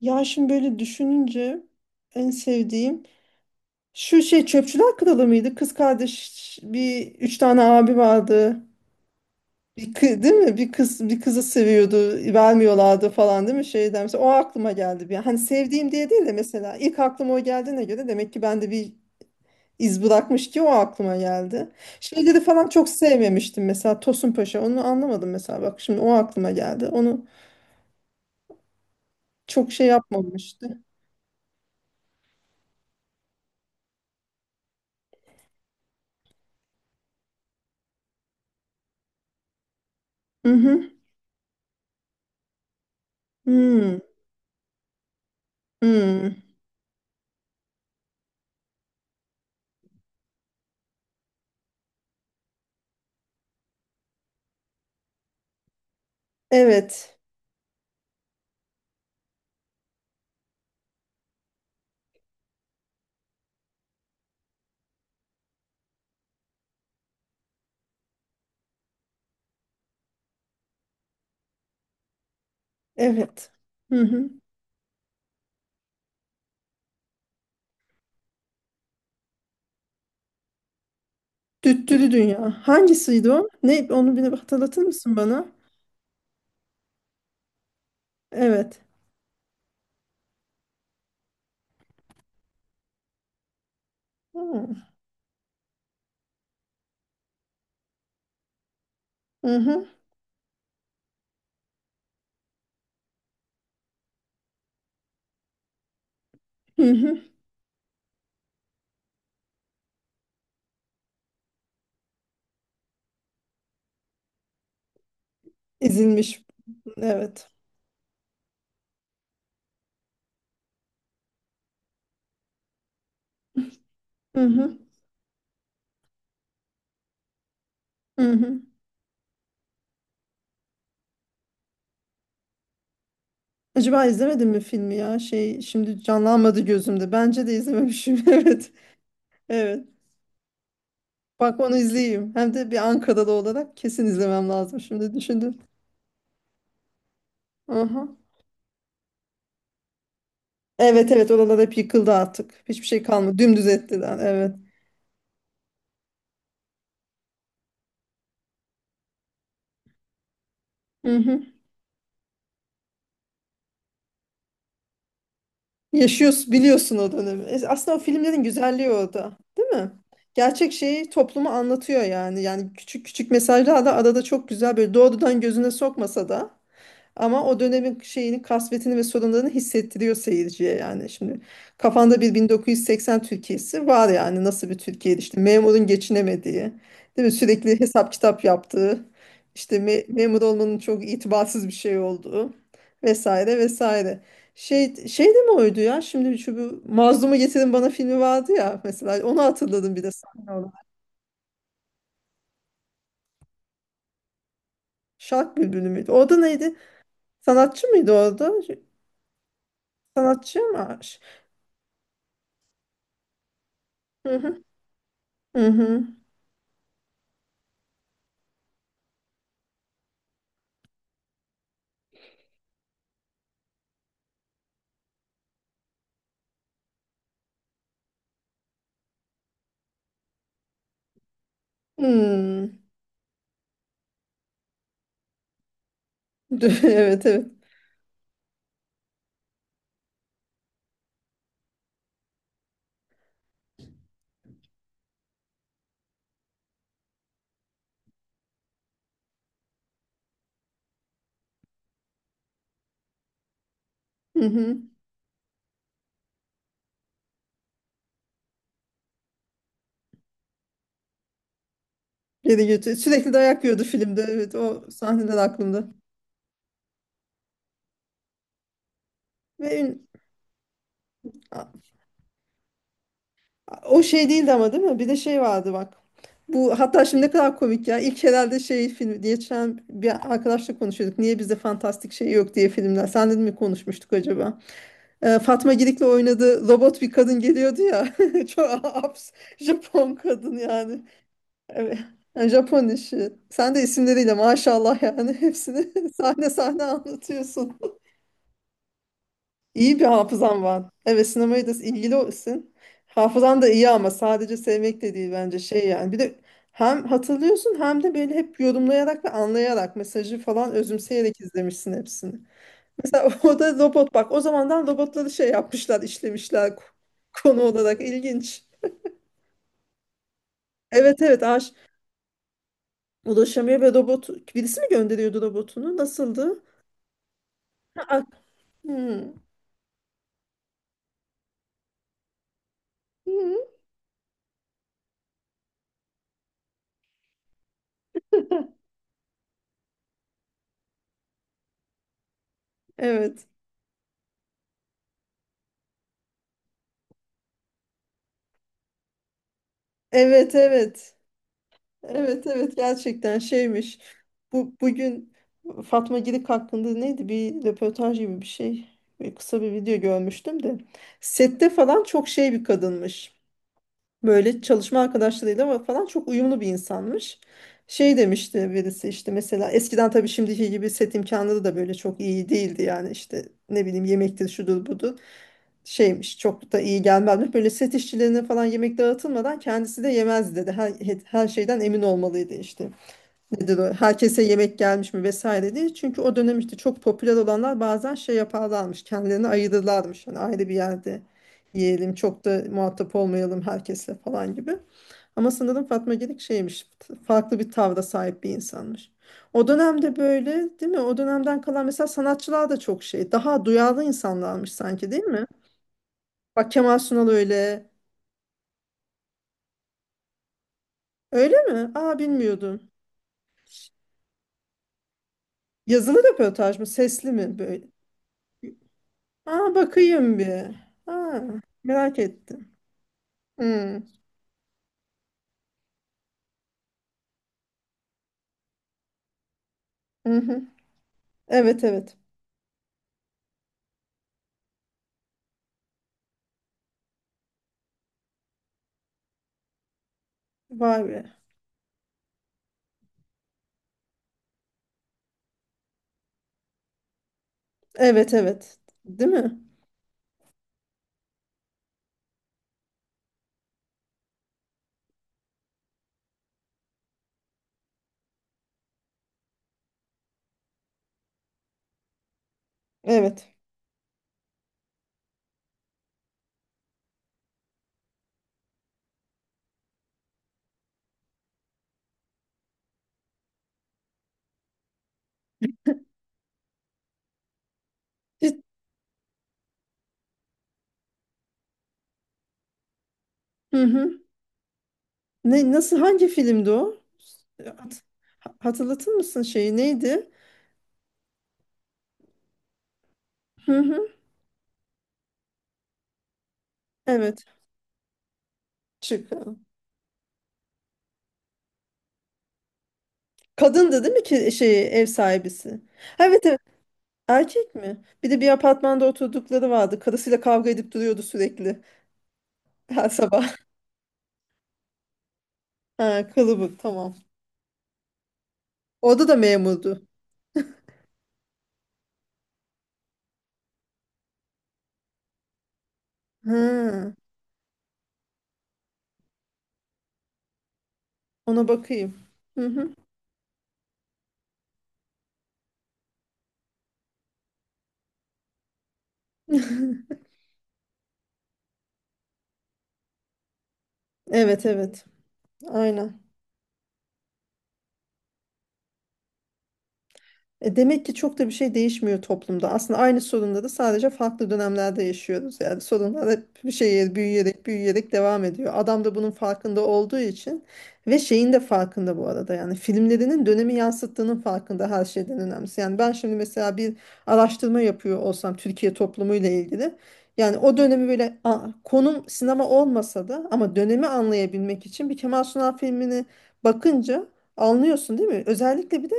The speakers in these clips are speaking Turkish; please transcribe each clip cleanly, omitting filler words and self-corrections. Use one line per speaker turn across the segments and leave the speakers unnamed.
Ya şimdi böyle düşününce en sevdiğim şu Çöpçüler Kralı mıydı? Kız kardeş bir, üç tane abi vardı. Değil mi? Bir kız bir kızı seviyordu, vermiyorlardı falan değil mi? Şeyden mesela o aklıma geldi bir an. Hani sevdiğim diye değil de mesela ilk aklıma o geldiğine göre demek ki ben de bir iz bırakmış ki o aklıma geldi. Şeyleri falan çok sevmemiştim, mesela Tosun Paşa, onu anlamadım mesela, bak şimdi o aklıma geldi. Onu çok şey yapmamıştı. Hı hı. Hmm. Hmm. Evet. Evet. Hı hı. Düttürü Dünya. Hangisiydi o? Ne, onu bir hatırlatır mısın bana? Evet. Hı hı. Hı hı. İzilmiş. Evet. Hı hı. Hı hı. Acaba izlemedim mi filmi ya? Şey, şimdi canlanmadı gözümde. Bence de izlememişim. Evet. Evet. Bak, onu izleyeyim. Hem de bir Ankara'da olarak kesin izlemem lazım. Şimdi düşündüm. Aha. Evet evet, oralar hep yıkıldı artık. Hiçbir şey kalmadı. Dümdüz ettiler. Evet. Hı hı. Yaşıyorsun, biliyorsun o dönemi. Aslında o filmlerin güzelliği orada. Değil mi? Gerçek şeyi topluma anlatıyor yani. Yani küçük küçük mesajlar da arada çok güzel, böyle doğrudan gözüne sokmasa da ama o dönemin şeyini, kasvetini ve sorunlarını hissettiriyor seyirciye yani. Şimdi kafanda bir 1980 Türkiye'si var yani. Nasıl bir Türkiye'ydi, işte memurun geçinemediği, değil mi? Sürekli hesap kitap yaptığı, işte memur olmanın çok itibarsız bir şey olduğu vesaire vesaire. Şey, şey de mi oydu ya? Şimdi şu, bu Mazlumu Getirin Bana filmi vardı ya mesela. Onu hatırladım bir de sahne olarak. Şark Bülbülü müydü? Orada neydi? Sanatçı mıydı orada? Sanatçı mı? Hı hı. Hı hı. Hmm. Evet evet. Hı hı. Yedi götü. Sürekli dayak yiyordu filmde. Evet, o sahneler aklımda. Ve ün- a- a- o şey değildi ama değil mi? Bir de şey vardı bak. Bu hatta şimdi ne kadar komik ya. İlk herhalde şey filmi diye geçen bir arkadaşla konuşuyorduk. Niye bizde fantastik şey yok diye, filmler. Sen de mi konuşmuştuk acaba? Fatma Girik'le oynadığı robot bir kadın geliyordu ya. Çok abs Japon kadın yani. Evet. Yani Japon işi. Sen de isimleriyle maşallah yani hepsini sahne sahne anlatıyorsun. İyi bir hafızan var. Evet, sinemaya da ilgili olsun. Hafızan da iyi ama sadece sevmek de değil bence, şey yani. Bir de hem hatırlıyorsun hem de böyle hep yorumlayarak ve anlayarak mesajı falan özümseyerek izlemişsin hepsini. Mesela o da robot, bak, o zamandan robotları şey yapmışlar, işlemişler, konu olarak ilginç. Evet evet, ulaşamıyor ve robot, birisi mi gönderiyordu robotunu, nasıldı? Ak- Hı. Hı. Evet. Evet, evet. Evet, evet, gerçekten şeymiş. Bu bugün Fatma Girik hakkında neydi? Bir röportaj gibi bir şey. Bir kısa bir video görmüştüm de. Sette falan çok şey bir kadınmış. Böyle çalışma arkadaşlarıyla falan çok uyumlu bir insanmış. Şey demişti birisi, işte mesela eskiden tabii şimdiki gibi set imkanları da böyle çok iyi değildi yani, işte ne bileyim, yemektir, şudur, budur, şeymiş, çok da iyi gelmezmiş. Böyle set işçilerine falan yemek dağıtılmadan kendisi de yemezdi dedi. Her, her şeyden emin olmalıydı işte, nedir o? Herkese yemek gelmiş mi vesaire diye. Çünkü o dönem işte çok popüler olanlar bazen şey yaparlarmış. Kendilerini ayırırlarmış. Hani ayrı bir yerde yiyelim. Çok da muhatap olmayalım herkesle falan gibi. Ama sanırım Fatma Girik şeymiş. Farklı bir tavra sahip bir insanmış. O dönemde böyle değil mi? O dönemden kalan mesela sanatçılar da çok şey. Daha duyarlı insanlarmış sanki, değil mi? Bak, Kemal Sunal öyle. Öyle mi? Aa, bilmiyordum. Yazılı röportaj mı? Sesli mi böyle? Aa, bakayım bir. Ha, merak ettim. Hmm. Hı hı. Evet evet. Vay be. Evet evet. Değil mi? Evet. Hiç- Hı hı. Ne, nasıl, hangi filmdi o? Hat- Hatırlatır mısın, şeyi, neydi? Hı hı. Evet. Çık. Kadındı değil mi ki, şey, ev sahibisi? Evet evet. Erkek mi? Bir de bir apartmanda oturdukları vardı. Karısıyla kavga edip duruyordu sürekli her sabah. Ha, kılıbık, tamam. Orada da memurdu. Ha. Ona bakayım. Hı hı. Evet evet. Aynen. Demek ki çok da bir şey değişmiyor toplumda. Aslında aynı sorunları sadece farklı dönemlerde yaşıyoruz. Yani sorunlar hep bir şeye büyüyerek büyüyerek devam ediyor. Adam da bunun farkında olduğu için ve şeyin de farkında bu arada. Yani filmlerinin dönemi yansıttığının farkında, her şeyden önemlisi. Yani ben şimdi mesela bir araştırma yapıyor olsam Türkiye toplumuyla ilgili. Yani o dönemi böyle, a, konum sinema olmasa da ama dönemi anlayabilmek için bir Kemal Sunal filmini bakınca anlıyorsun değil mi? Özellikle bir de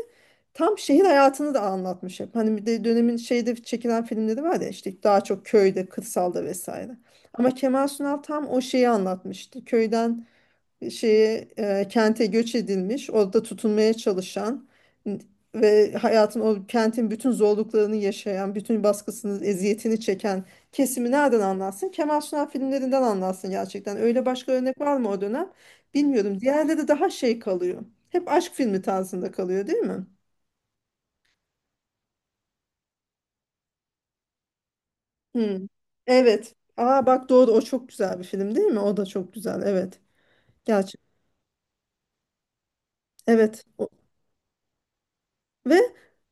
tam şehir hayatını da anlatmış hep. Hani bir de dönemin şeyde çekilen filmleri var ya, işte daha çok köyde, kırsalda vesaire. Ama Kemal Sunal tam o şeyi anlatmıştı. Köyden şeye, kente göç edilmiş, orada tutunmaya çalışan n- ve hayatın o kentin bütün zorluklarını yaşayan, bütün baskısını, eziyetini çeken kesimi nereden anlatsın? Kemal Sunal filmlerinden anlatsın gerçekten. Öyle başka örnek var mı o dönem? Bilmiyorum. Diğerleri daha şey kalıyor. Hep aşk filmi tarzında kalıyor, değil mi? Hmm. Evet. Aa bak, doğru, o çok güzel bir film değil mi? O da çok güzel. Evet. Gerçek. Evet. O- ve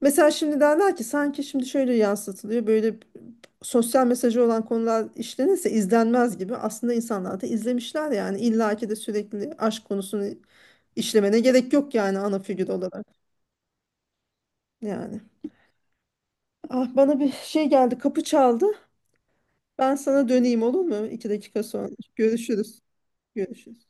mesela şimdi derler ki, sanki şimdi şöyle yansıtılıyor. Böyle sosyal mesajı olan konular işlenirse izlenmez gibi. Aslında insanlar da izlemişler yani. İlla ki de sürekli aşk konusunu işlemene gerek yok yani ana figür olarak. Yani. Ah, bana bir şey geldi. Kapı çaldı. Ben sana döneyim, olur mu? 2 dakika sonra. Görüşürüz. Görüşürüz.